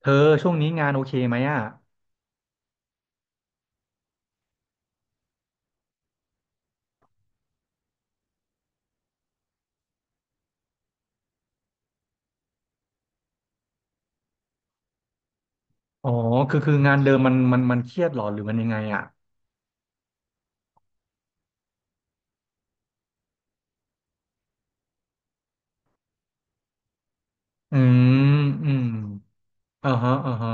เธอช่วงนี้งานโอเคไหมอ่ะอ๋อ คืองานเดิมมันเครียดหรอหรือมันยังไงอ่ะอืมอืมอ่าฮะอ่าฮะ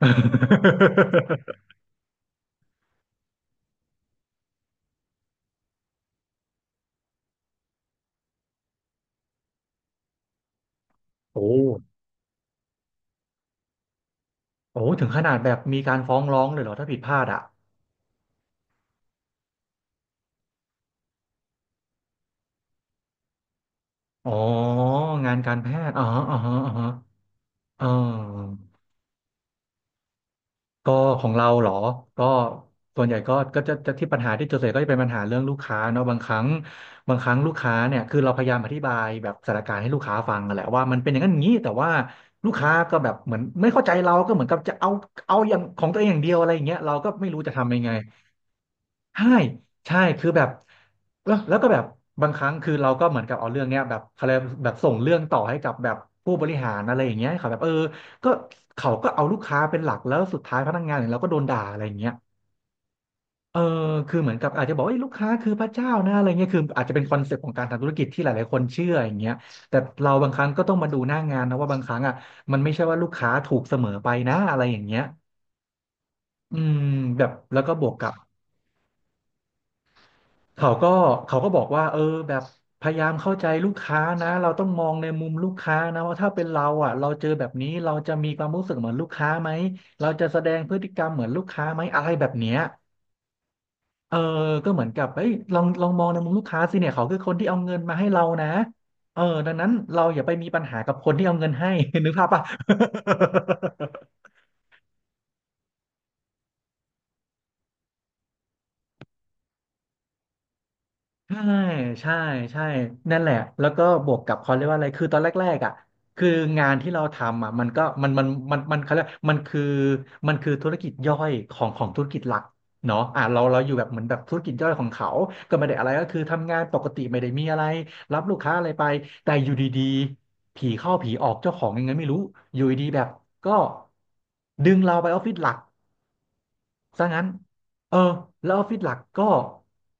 โอ้โอ้ถึงขนาดแบบมีการฟ้องร้องเลยเหรอถ้าผิดพลาดอ่ะอ๋อ งานการแพทย์อ๋ออ๋ออ๋ออ๋อ ก็ของเราเหรอก็ส่วนใหญ่ก็จะที่ปัญหาที่เจอส่วนใหญ่ก็จะเป็นปัญหาเรื่องลูกค้าเนาะบางครั้งบางครั้งลูกค้าเนี่ยคือเราพยายามอธิบายแบบสถานการณ์ให้ลูกค้าฟังอะแหละว่ามันเป็นอย่างนั้นอย่างนี้แต่ว่าลูกค้าก็แบบเหมือนไม่เข้าใจเราก็เหมือนกับจะเอาอย่างของตัวเองอย่างเดียวอะไรอย่างเงี้ยเราก็ไม่รู้จะทำยังไง ใช่ใช่คือแบบแล้วก็แบบบางครั้งคือเราก็เหมือนกับเอาเรื่องเนี้ยแบบเขาเรียกแบบส่งเรื่องต่อให้กับแบบผู้บริหารอะไรอย่างเงี้ยเขาแบบเออก็เขาก็เอาลูกค้าเป็นหลักแล้วสุดท้ายพนักงานอย่างเราก็โดนด่าอะไรอย่างเงี้ยเออคือเหมือนกับอาจจะบอกว่าเอ้ยลูกค้าคือพระเจ้านะอะไรเงี้ยคืออาจจะเป็นคอนเซ็ปต์ของการทำธุรกิจที่หลายๆคนเชื่ออย่างเงี้ยแต่เราบางครั้งก็ต้องมาดูหน้างานนะว่าบางครั้งอ่ะมันไม่ใช่ว่าลูกค้าถูกเสมอไปนะอะไรอย่างเงี้ยอืมแบบแล้วก็บวกกับ เขาก็เขาก็บอกว่าเออแบบพยายามเข้าใจลูกค้านะเราต้องมองในมุมลูกค้านะว่าถ้าเป็นเราอ่ะเราเจอแบบนี้เราจะมีความรู้สึกเหมือนลูกค้าไหมเราจะแสดงพฤติกรรมเหมือนลูกค้าไหมอะไรแบบเนี้ยเออก็เหมือนกับเอ้ยลองมองในมุมลูกค้าสิเนี่ยเขาคือคนที่เอาเงินมาให้เรานะเออดังนั้นเราอย่าไปมีปัญหากับคนที่เอาเงินให้ นึกภาพป่ะ ใช่ใช่ใช่ นั่นแหละ แล้วก็บวกกับเขาเรียกว่าอะไรคือตอนแรกๆอ่ะคืองานที่เราทำอ่ะมันก็มันมันมันมันเขาเรียกมันคือมันคือธุรกิจย่อยของธุรกิจหลักเนาะอ่ะเราอยู่แบบเหมือนแบบธุรกิจย่อยของเขาก็ไม่ได้อะไรก็คือทำงานปกติไม่ได้มีอะไรรับลูกค้าอะไรไปแต่อยู่ดีๆผีเข้าผีออกเจ้าของยังไงไม่รู้อยู่ดีๆแบบก็ดึงเราไปออฟฟิศหลัก ซะงั้นเออแล้วออฟฟิศหลักก็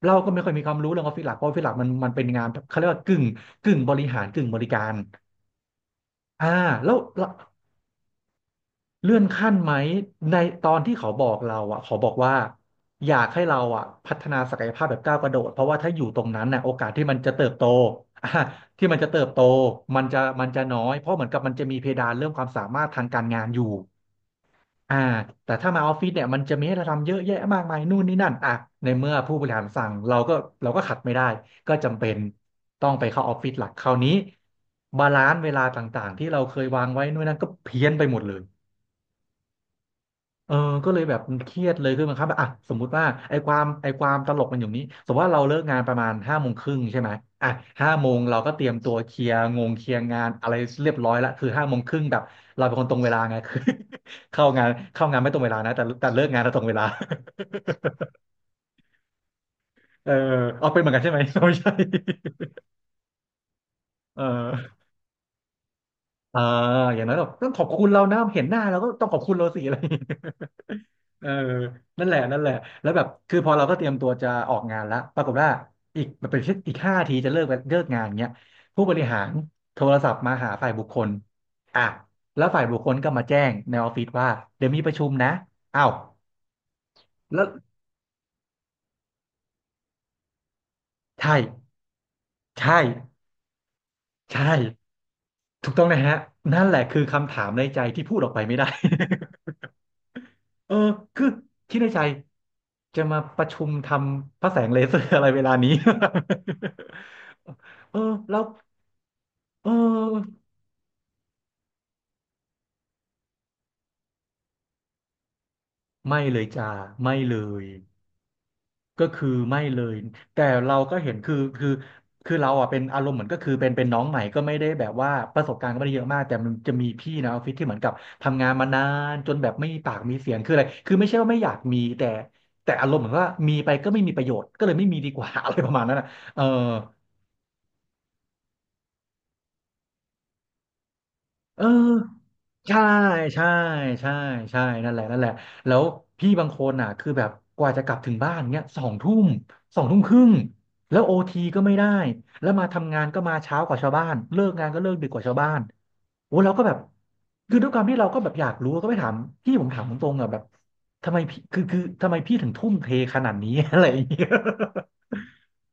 เราก็ไม่ค่อยมีความรู้เรื่องออฟฟิศหลักเพราะออฟฟิศหลักมันเป็นงานแบบเขาเรียกว่ากึ่งบริหารกึ่งบริการอ่าแล้วเลื่อนขั้นไหมในตอนที่เขาบอกเราอ่ะเขาบอกว่าอยากให้เราอ่ะพัฒนาศักยภาพแบบก้าวกระโดดเพราะว่าถ้าอยู่ตรงนั้นน่ะโอกาสที่มันจะเติบโตอ่ะที่มันจะเติบโตมันจะน้อยเพราะเหมือนกับมันจะมีเพดานเรื่องความสามารถทางการงานอยู่ อ่าแต่ถ้ามาออฟฟิศเนี่ยมันจะมีให้เราทำเยอะแยะมากมายนู่นนี่นั่นอ่ะในเมื่อผู้บริหารสั่งเราก็ขัดไม่ได้ก็จำเป็นต้องไปเข้าออฟฟิศหลักคราวนี้บาลานซ์เวลาต่างๆที่เราเคยวางไว้นู่นนั่นก็เพี้ยนไปหมดเลย เออก็เลยแบบเครียดเลยคือมันครับอ่ะสมมุติว่าไอ้ความไอ้ความตลกมันอยู่นี้สมมติว่าเราเลิกงานประมาณห้าโมงครึ่งใช่ไหมอ่ะห้าโมงเราก็เตรียมตัวเคลียร์งงเคลียร์งานอะไรเรียบร้อยละคือห้าโมงครึ่งแบบเราเป็นคนตรงเวลาไง คือ เข้างานไม่ตรงเวลานะแต่เลิกงานเราตรงเวลา เออเอาเป็นเหมือนกันใช่ไหมไม่ใช่ เออ เอออย่างนั้นแบบต้องขอบคุณเรานะเห็นหน้าเราก็ต้องขอบคุณเราสิอะไรอย่างเงี้ย เออนั่นแหละนั่นแหละแล้วแบบคือพอเราก็เตรียมตัวจะออกงานแล้วปรากฏว่าอีกมันเป็นอีกห้าทีจะเลิกงานเงี้ยผู้บริหารโทรศัพท์มาหาฝ่ายบุคคลอ่ะแล้วฝ่ายบุคคลก็มาแจ้งในออฟฟิศว่าเดี๋ยวมีประชุมนะอ้าวแล้วใช่ใช่ใช่ถูกต้องนะฮะนั่นแหละคือคำถามในใจที่พูดออกไปไม่ได้ เออคือคิดในใจจะมาประชุมทำพระแสงเลเซอร์อะไรเวลานี้ เออแล้วเออไม่เลยจ้าไม่เลยก็คือไม่เลยแต่เราก็เห็นคือเราอ่ะเป็นอารมณ์เหมือนก็คือเป็นน้องใหม่ก็ไม่ได้แบบว่าประสบการณ์ก็ไม่ได้เยอะมากแต่มันจะมีพี่ในออฟฟิศที่เหมือนกับทำงานมานานจนแบบไม่มีปากมีเสียงคืออะไรคือไม่ใช่ว่าไม่อยากมีแต่อารมณ์เหมือนว่ามีไปก็ไม่มีประโยชน์ก็เลยไม่มีดีกว่า อะไรประมาณนั้นนะเออ เออใช่ใช่ใช่ใช่นั่นแหละนั่นแหละแล้วพี่บางคนน่ะคือแบบกว่าจะกลับถึงบ้านเนี้ยสองทุ่มสองทุ่มครึ่งแล้วโอทีก็ไม่ได้แล้วมาทำงานก็มาเช้ากว่าชาวบ้านเลิกงานก็เลิกดึกกว่าชาวบ้านโอ้เราก็แบบคือด้วยความที่เราก็แบบอยากรู้ก็ไปถามพี่ผมถามตรงๆอ่ะแบบทำไมพี่คือทำไมพี่ถึงทุ่มเทขนาดนี้ อะไรอย่างเงี้ย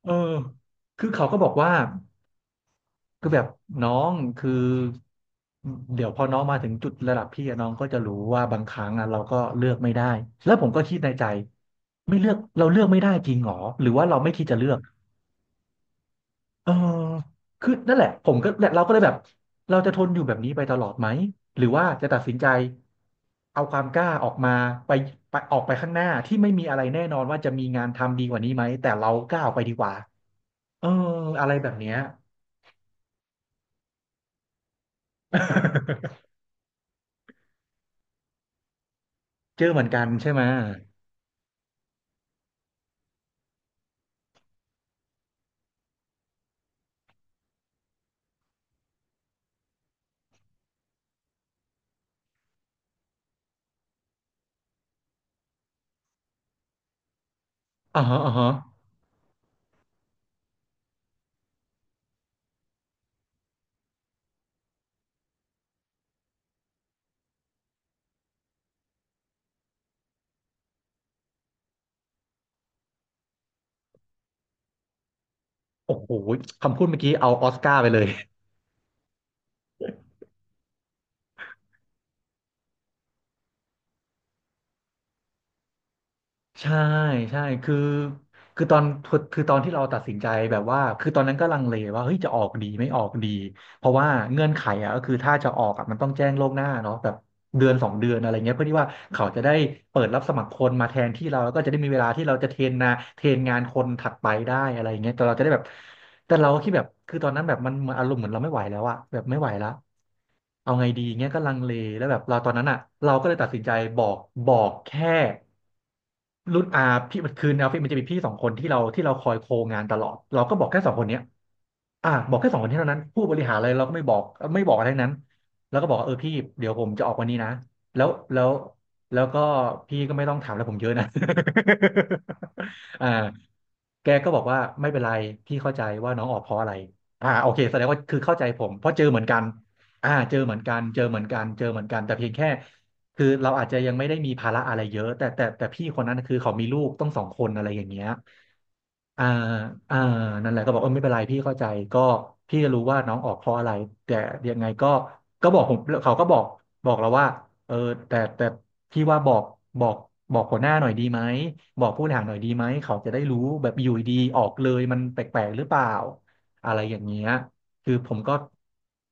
เออคือเขาก็บอกว่า คือแบบน้องคือเดี๋ยวพอน้องมาถึงจุดระดับพี่อะน้องก็จะรู้ว่าบางครั้งอะเราก็เลือกไม่ได้แล้วผมก็คิดในใจไม่เลือกเราเลือกไม่ได้จริงหรอหรือว่าเราไม่คิดจะเลือกเออคือนั่นแหละผมก็เราก็เลยแบบเราจะทนอยู่แบบนี้ไปตลอดไหมหรือว่าจะตัดสินใจเอาความกล้าออกมาไปไปออกไปข้างหน้าที่ไม่มีอะไรแน่นอนว่าจะมีงานทำดีกว่านี้ไหมแต่เรากล้าออกไปดีกว่าเอออะไรแบบเนี้ย เจอเหมือนกันใช่ไหม อ่าฮะอ่าฮะโอ้โหคำพูดเมื่อกี้เอาออสการ์ไปเลย ใช่ใช่คือตอนที่เราตัดสินใจแบบว่าคือตอนนั้นก็ลังเลว่าเฮ้ยจะออกดีไม่ออกดี เพราะว่าเงื่อนไขอ่ะก็คือถ้าจะออกอ่ะมันต้องแจ้งล่วงหน้าเนาะแบบเดือนสองเดือนอะไรเงี้ยเพื่อที่ว่าเขาจะได้เปิดรับสมัครคนมาแทนที่เราแล้วก็จะได้มีเวลาที่เราจะเทรนนาเทรนงานคนถัดไปได้อะไรเงี้ยแต่เราจะได้แบบแต่เราคิดแบบคือตอนนั้นแบบมันเหมือนอารมณ์เหมือนเราไม่ไหวแล้วอะแบบไม่ไหวละ เอาไงดีเงี้ยก็ลังเลแล้วแบบเราตอนนั้นอ่ะเราก็เลยตัดสินใจบอกบอกแค่รุ่นอาพี่มันคือในออฟฟิศมันจะมีพี่สองคนที่เราที่เราคอยโคงานตลอดเราก็บอกแค่สองคนเนี้ยอ่ะบอกแค่สองคนเท่านั้นผู้บริหารอะไรเราก็ไม่บอกไม่บอกอะไรทั้งนั้นแล้วก็บอกว่าเออพี่เดี๋ยวผมจะออกวันนี้นะแล้วแล้วแล้วก็พี่ก็ไม่ต้องถามแล้วผมเยอะนะ อ่าแกก็บอกว่าไม่เป็นไรพี่เข้าใจว่าน้องออกเพราะอะไรอ่าโอเคแสดงว่าคือเข้าใจผมเพราะเจอเหมือนกัน อ่าเจอเหมือนกันเจอเหมือนกันเจอเหมือนกันแต่เพียงแค่คือเราอาจจะยังไม่ได้มีภาระอะไรเยอะแต่พี่คนนั้นคือเขามีลูกต้องสองคนอะไรอย่างเงี้ยอ่าอ่านั่นแหละก็บอกเออไม่เป็นไรพี่เข้าใจก็พี่จะรู้ว่าน้องออกเพราะอะไรแต่ยังไงก็ก็บอกผมเขาก็บอกเราว่าเออแต่พี่ว่าบอกบอกบอกหัวหน้าหน่อยดีไหมบอกผู้บริหารหน่อยดีไหมเขาจะได้รู้แบบอยู่ดีๆออกเลยมันแปลกๆหรือเปล่าอะไรอย่างเงี้ย คือผมก็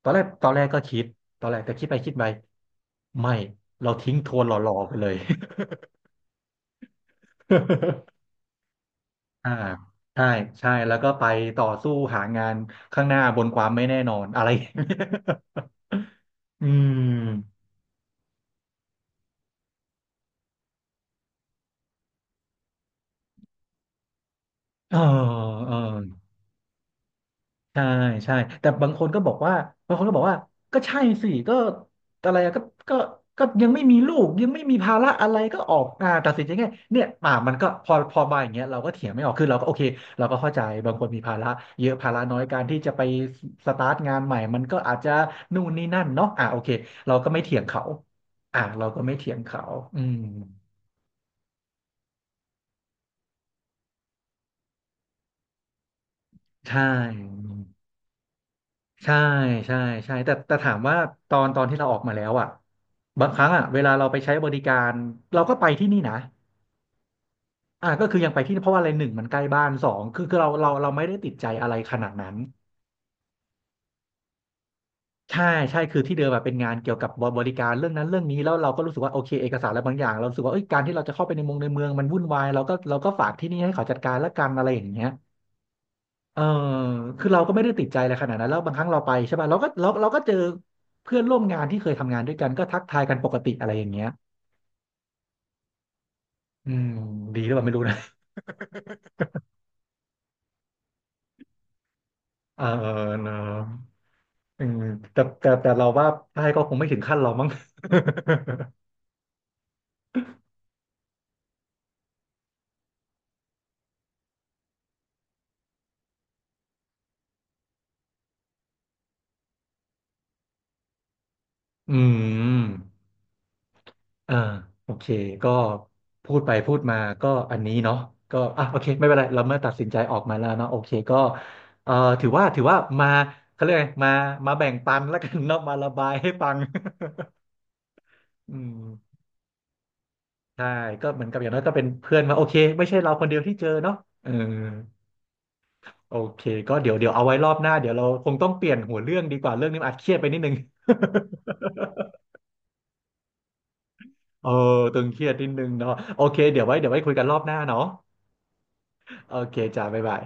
ตอนแรกก็คิดตอนแรกแต่คิดไปคิดไปไม่เราทิ้งทวนหล่อๆไปเลย อ่าใช่ใช่แล้วก็ไปต่อสู้หางานข้างหน้าบนความไม่แน่นอนอะไรอย่างเงี้ย อืมเออเออ ใช่ใช่แต่บางคนก็บอกว่าบางคนก็บอกว่าก็ใช่สิก็อะไรอะก็ก็ก็ยังไม่มีลูกยังไม่มีภาระอะไรก็ออกอ่าตัดสินใจง่ายเนี่ยอ่ามันก็พอพอมาอย่างเงี้ยเราก็เถียงไม่ออกคือเราก็โอเคเราก็เข้าใจบางคนมีภาระเยอะภาระน้อยการที่จะไปสตาร์ทงานใหม่มันก็อาจจะนู่นนี่นั่นเนาะอ่าโอเคเราก็ไม่เถียงเขาอ่าเราก็ไม่เถียงเขาอืมใช่ ใช่ใช่ใช่แต่ถามว่าตอนตอนที่เราออกมาแล้วอ่ะบางครั้งอ่ะเวลาเราไปใช้บริการเราก็ไปที่นี่นะอ่ะก็คือยังไปที่นี่เพราะว่าอะไรหนึ่งมันใกล้บ้านสองคือคือเราไม่ได้ติดใจอะไรขนาดนั้นใช่ใช่คือที่เดิมแบบเป็นงานเกี่ยวกับบริการเรื่องนั้นเรื่องนี้แล้วเราก็รู้สึกว่าโอเคเอกสารอะไรบางอย่างเรารู้สึกว่าเอ้ยการที่เราจะเข้าไปในเมืองในเมืองมันวุ่นวายเราก็เราก็ฝากที่นี่ให้เขาจัดการละกันอะไรอย่างเงี้ย เออคือเราก็ไม่ได้ติดใจอะไรขนาดนั้นแล้วบางครั้งเราไปใช่ป่ะเราก็เจอเพื่อนร่วมงานที่เคยทำงานด้วยกันก็ทักทายกันปกติอะไรอย่างเงี้ยอืมดีหรือเปล่าไม่รู้นะ เออเนอะอืมแต่เราว่าใช่ก็คงไม่ถึงขั้นเรามั้ง อืมอ่าโอเคก็พูดไปพูดมาก็อันนี้เนาะก็อ่ะโอเคไม่เป็นไรเราเมื่อตัดสินใจออกมาแล้วเนาะโอเคก็เอ่อถือว่าถือว่ามาเขาเรียกไงมามาแบ่งปันแล้วกันเนาะมาระบายให้ฟัง อืมใช่ก็เหมือนกับอย่างน้อยก็เป็นเพื่อนมาโอเคไม่ใช่เราคนเดียวที่เจอเนาะเออโอเคก็เดี๋ยวเอาไว้รอบหน้าเดี๋ยวเราคงต้องเปลี่ยนหัวเรื่องดีกว่าเรื่องนี้มันอาจเครียดไปนิดนึง เออตึงเครียดนิดนึงเนาะโอเคเดี๋ยวไว้คุยกันรอบหน้าเนาะโอเคจ้าบ๊ายบาย